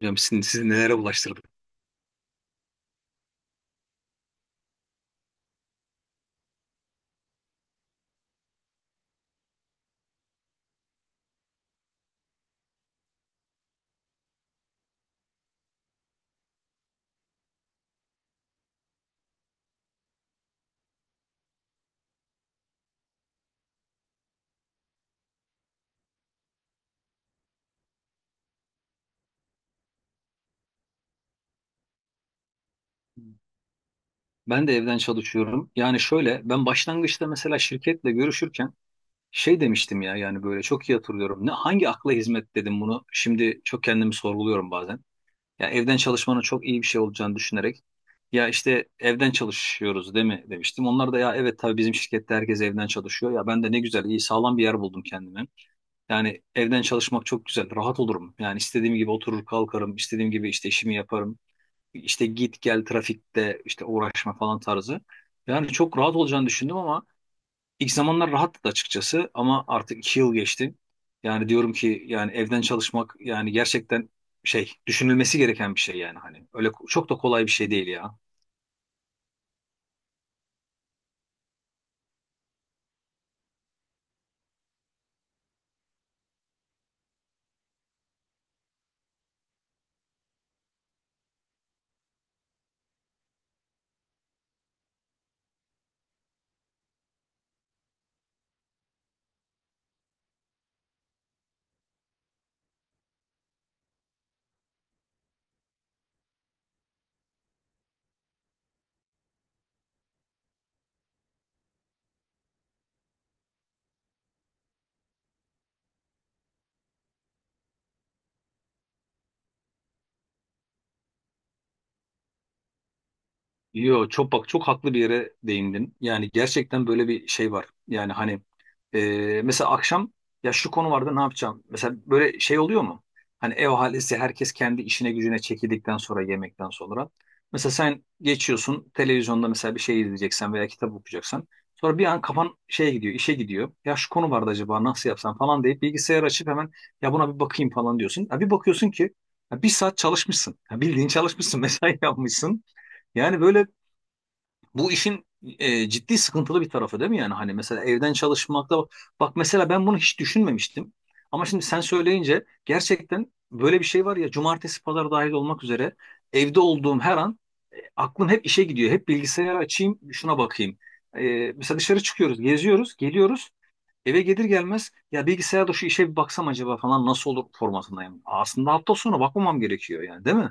Hocam sizi nelere ulaştırdı? Ben de evden çalışıyorum. Yani şöyle ben başlangıçta mesela şirketle görüşürken şey demiştim ya yani böyle çok iyi hatırlıyorum. Ne hangi akla hizmet dedim bunu. Şimdi çok kendimi sorguluyorum bazen. Ya evden çalışmanın çok iyi bir şey olacağını düşünerek ya işte evden çalışıyoruz değil mi demiştim. Onlar da ya evet tabii bizim şirkette herkes evden çalışıyor. Ya ben de ne güzel iyi sağlam bir yer buldum kendime. Yani evden çalışmak çok güzel. Rahat olurum. Yani istediğim gibi oturur kalkarım. İstediğim gibi işte işimi yaparım. İşte git gel trafikte işte uğraşma falan tarzı. Yani çok rahat olacağını düşündüm ama ilk zamanlar rahattı da açıkçası ama artık iki yıl geçti. Yani diyorum ki yani evden çalışmak yani gerçekten şey düşünülmesi gereken bir şey yani hani öyle çok da kolay bir şey değil ya. Yo çok bak çok haklı bir yere değindin. Yani gerçekten böyle bir şey var. Yani hani mesela akşam ya şu konu vardı ne yapacağım? Mesela böyle şey oluyor mu? Hani ev ahalisi herkes kendi işine gücüne çekildikten sonra yemekten sonra. Mesela sen geçiyorsun televizyonda mesela bir şey izleyeceksen veya kitap okuyacaksan. Sonra bir an kafan şeye gidiyor işe gidiyor. Ya şu konu vardı acaba nasıl yapsam falan deyip bilgisayar açıp hemen ya buna bir bakayım falan diyorsun. Ya bir bakıyorsun ki ya bir saat çalışmışsın. Ya bildiğin çalışmışsın mesai yapmışsın. Yani böyle bu işin ciddi sıkıntılı bir tarafı değil mi yani? Hani mesela evden çalışmakta bak mesela ben bunu hiç düşünmemiştim. Ama şimdi sen söyleyince gerçekten böyle bir şey var ya cumartesi pazar dahil olmak üzere evde olduğum her an aklım hep işe gidiyor. Hep bilgisayarı açayım şuna bakayım. Mesela dışarı çıkıyoruz, geziyoruz, geliyoruz. Eve gelir gelmez ya bilgisayarda şu işe bir baksam acaba falan nasıl olur formatındayım. Aslında hafta sonu bakmamam gerekiyor yani değil mi?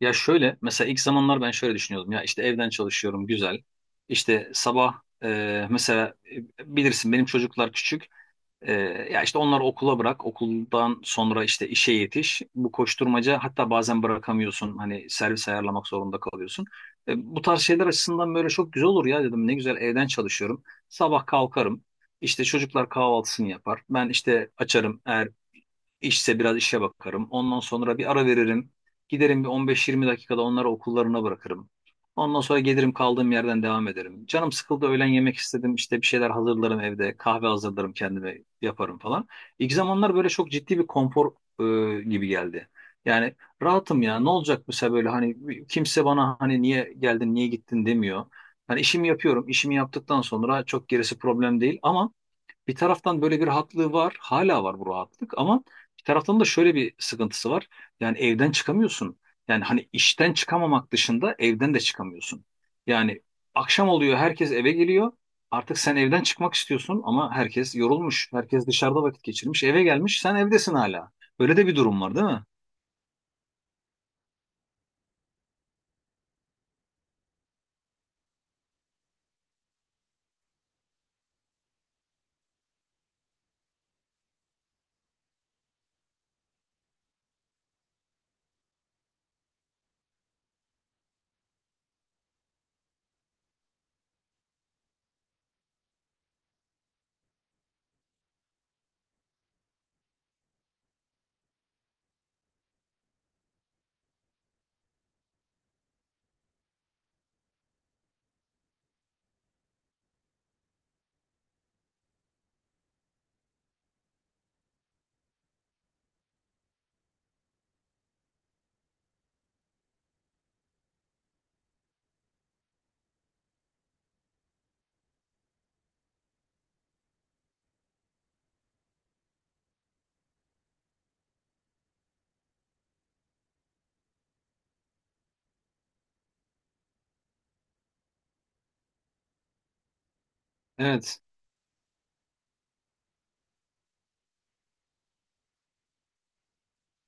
Ya şöyle mesela ilk zamanlar ben şöyle düşünüyordum ya işte evden çalışıyorum güzel. İşte sabah mesela bilirsin benim çocuklar küçük. ee, Ya işte onları okula bırak, okuldan sonra işte işe yetiş. Bu koşturmaca hatta bazen bırakamıyorsun. Hani servis ayarlamak zorunda kalıyorsun. Bu tarz şeyler açısından böyle çok güzel olur ya dedim. Ne güzel evden çalışıyorum. Sabah kalkarım. İşte çocuklar kahvaltısını yapar. Ben işte açarım. Eğer İşse biraz işe bakarım. Ondan sonra bir ara veririm. Giderim bir 15-20 dakikada onları okullarına bırakırım. Ondan sonra gelirim kaldığım yerden devam ederim. Canım sıkıldı öğlen yemek istedim. İşte bir şeyler hazırlarım evde. Kahve hazırlarım kendime yaparım falan. İlk zamanlar böyle çok ciddi bir konfor gibi geldi. Yani rahatım ya ne olacak mesela böyle hani kimse bana hani niye geldin niye gittin demiyor. Hani işimi yapıyorum. İşimi yaptıktan sonra çok gerisi problem değil ama bir taraftan böyle bir rahatlığı var. Hala var bu rahatlık ama bir taraftan da şöyle bir sıkıntısı var. Yani evden çıkamıyorsun. Yani hani işten çıkamamak dışında evden de çıkamıyorsun. Yani akşam oluyor herkes eve geliyor. Artık sen evden çıkmak istiyorsun ama herkes yorulmuş. Herkes dışarıda vakit geçirmiş. Eve gelmiş sen evdesin hala. Böyle de bir durum var değil mi? Evet.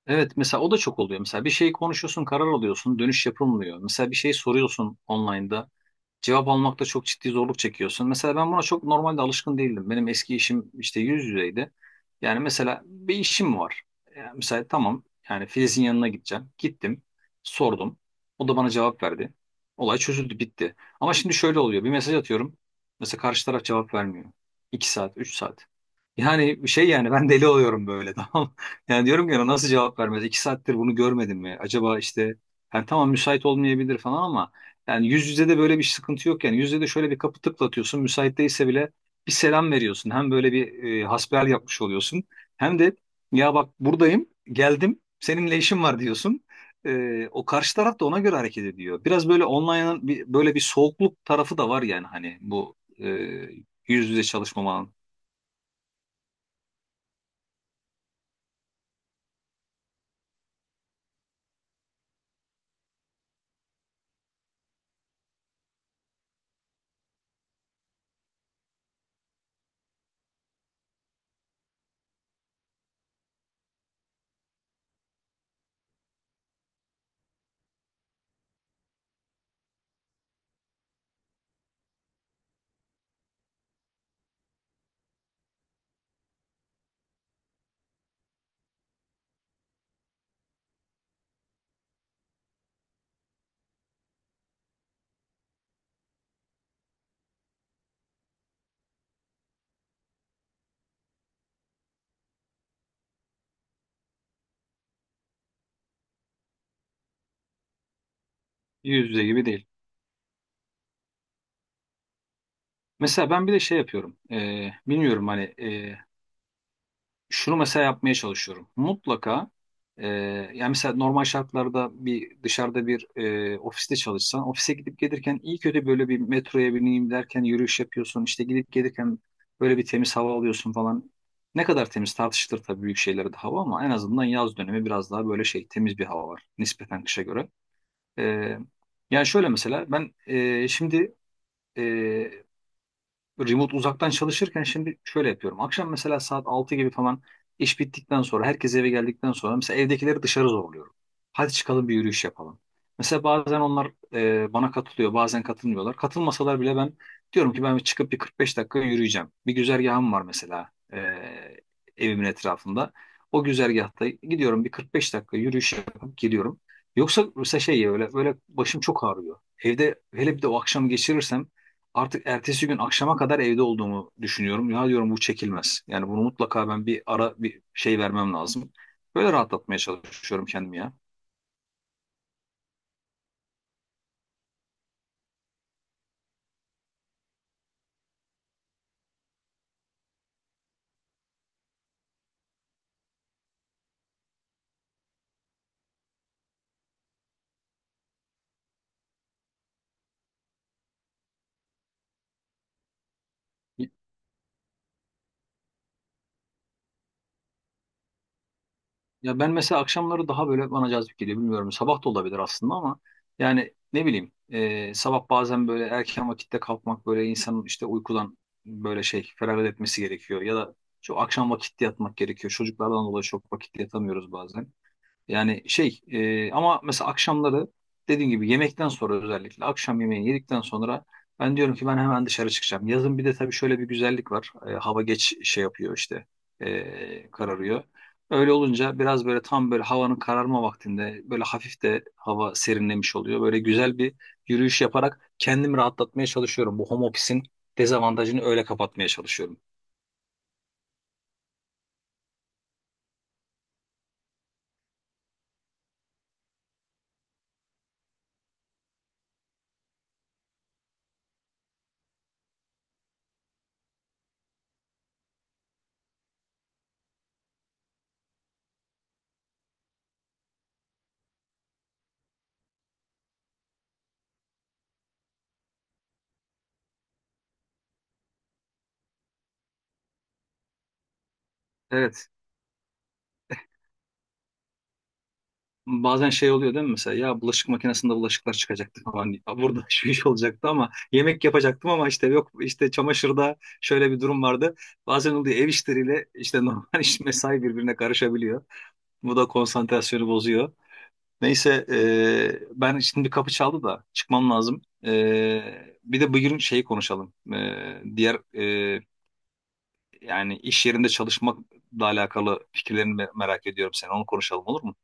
Evet mesela o da çok oluyor. Mesela bir şey konuşuyorsun karar alıyorsun dönüş yapılmıyor. Mesela bir şey soruyorsun online'da cevap almakta çok ciddi zorluk çekiyorsun. Mesela ben buna çok normalde alışkın değildim. Benim eski işim işte yüz yüzeydi. Yani mesela bir işim var. Yani mesela tamam yani Filiz'in yanına gideceğim. Gittim, sordum. O da bana cevap verdi. Olay çözüldü, bitti. Ama şimdi şöyle oluyor. Bir mesaj atıyorum. Mesela karşı taraf cevap vermiyor. 2 saat, 3 saat. Yani şey yani ben deli oluyorum böyle tamam. Yani diyorum ki "Ya nasıl cevap vermez? 2 saattir bunu görmedim mi? Acaba işte yani tamam müsait olmayabilir falan ama yani yüz yüze de böyle bir sıkıntı yok yani. Yüz yüze de şöyle bir kapı tıklatıyorsun. Müsait değilse bile bir selam veriyorsun. Hem böyle bir hasbihal yapmış oluyorsun. Hem de ya bak buradayım, geldim, seninle işim var diyorsun. O karşı taraf da ona göre hareket ediyor. Biraz böyle online'ın böyle bir soğukluk tarafı da var yani hani bu yüz yüze çalışmamanın. Yüz yüze gibi değil. Mesela ben bir de şey yapıyorum. Bilmiyorum hani şunu mesela yapmaya çalışıyorum. Mutlaka e, yani mesela normal şartlarda dışarıda bir ofiste çalışsan ofise gidip gelirken iyi kötü böyle bir metroya bineyim derken yürüyüş yapıyorsun işte gidip gelirken böyle bir temiz hava alıyorsun falan. Ne kadar temiz tartışılır tabii büyük şeylere de hava ama en azından yaz dönemi biraz daha böyle şey temiz bir hava var nispeten kışa göre. E, Yani şöyle mesela ben şimdi e, remote uzaktan çalışırken şimdi şöyle yapıyorum. Akşam mesela saat 6 gibi falan iş bittikten sonra herkes eve geldikten sonra mesela evdekileri dışarı zorluyorum. Hadi çıkalım bir yürüyüş yapalım. Mesela bazen onlar bana katılıyor, bazen katılmıyorlar. Katılmasalar bile ben diyorum ki ben bir çıkıp bir 45 dakika yürüyeceğim. Bir güzergahım var mesela evimin etrafında. O güzergahta gidiyorum bir 45 dakika yürüyüş yapıp geliyorum. Yoksa mesela şey ya, öyle, böyle başım çok ağrıyor. Evde hele bir de o akşam geçirirsem artık ertesi gün akşama kadar evde olduğumu düşünüyorum. Ya diyorum bu çekilmez. Yani bunu mutlaka ben bir ara bir şey vermem lazım. Böyle rahatlatmaya çalışıyorum kendimi ya. Ya ben mesela akşamları daha böyle bana cazip geliyor bilmiyorum. Sabah da olabilir aslında ama yani ne bileyim sabah bazen böyle erken vakitte kalkmak böyle insanın işte uykudan böyle şey feragat etmesi gerekiyor. Ya da çok akşam vakitte yatmak gerekiyor. Çocuklardan dolayı çok vakitte yatamıyoruz bazen. Yani şey ama mesela akşamları dediğim gibi yemekten sonra özellikle akşam yemeğini yedikten sonra ben diyorum ki ben hemen dışarı çıkacağım. Yazın bir de tabii şöyle bir güzellik var. E, hava geç şey yapıyor işte kararıyor. Öyle olunca biraz böyle tam böyle havanın kararma vaktinde böyle hafif de hava serinlemiş oluyor. Böyle güzel bir yürüyüş yaparak kendimi rahatlatmaya çalışıyorum. Bu home office'in dezavantajını öyle kapatmaya çalışıyorum. Evet. Bazen şey oluyor değil mi mesela ya bulaşık makinesinde bulaşıklar çıkacaktı falan ya burada şu iş olacaktı ama yemek yapacaktım ama işte yok işte çamaşırda şöyle bir durum vardı. Bazen oluyor ev işleriyle işte normal iş mesai birbirine karışabiliyor. Bu da konsantrasyonu bozuyor. Neyse ben şimdi bir kapı çaldı da çıkmam lazım. E, bir de bugün şeyi konuşalım. E, diğer e, yani iş yerinde çalışmakla alakalı fikirlerini merak ediyorum seni onu konuşalım olur mu?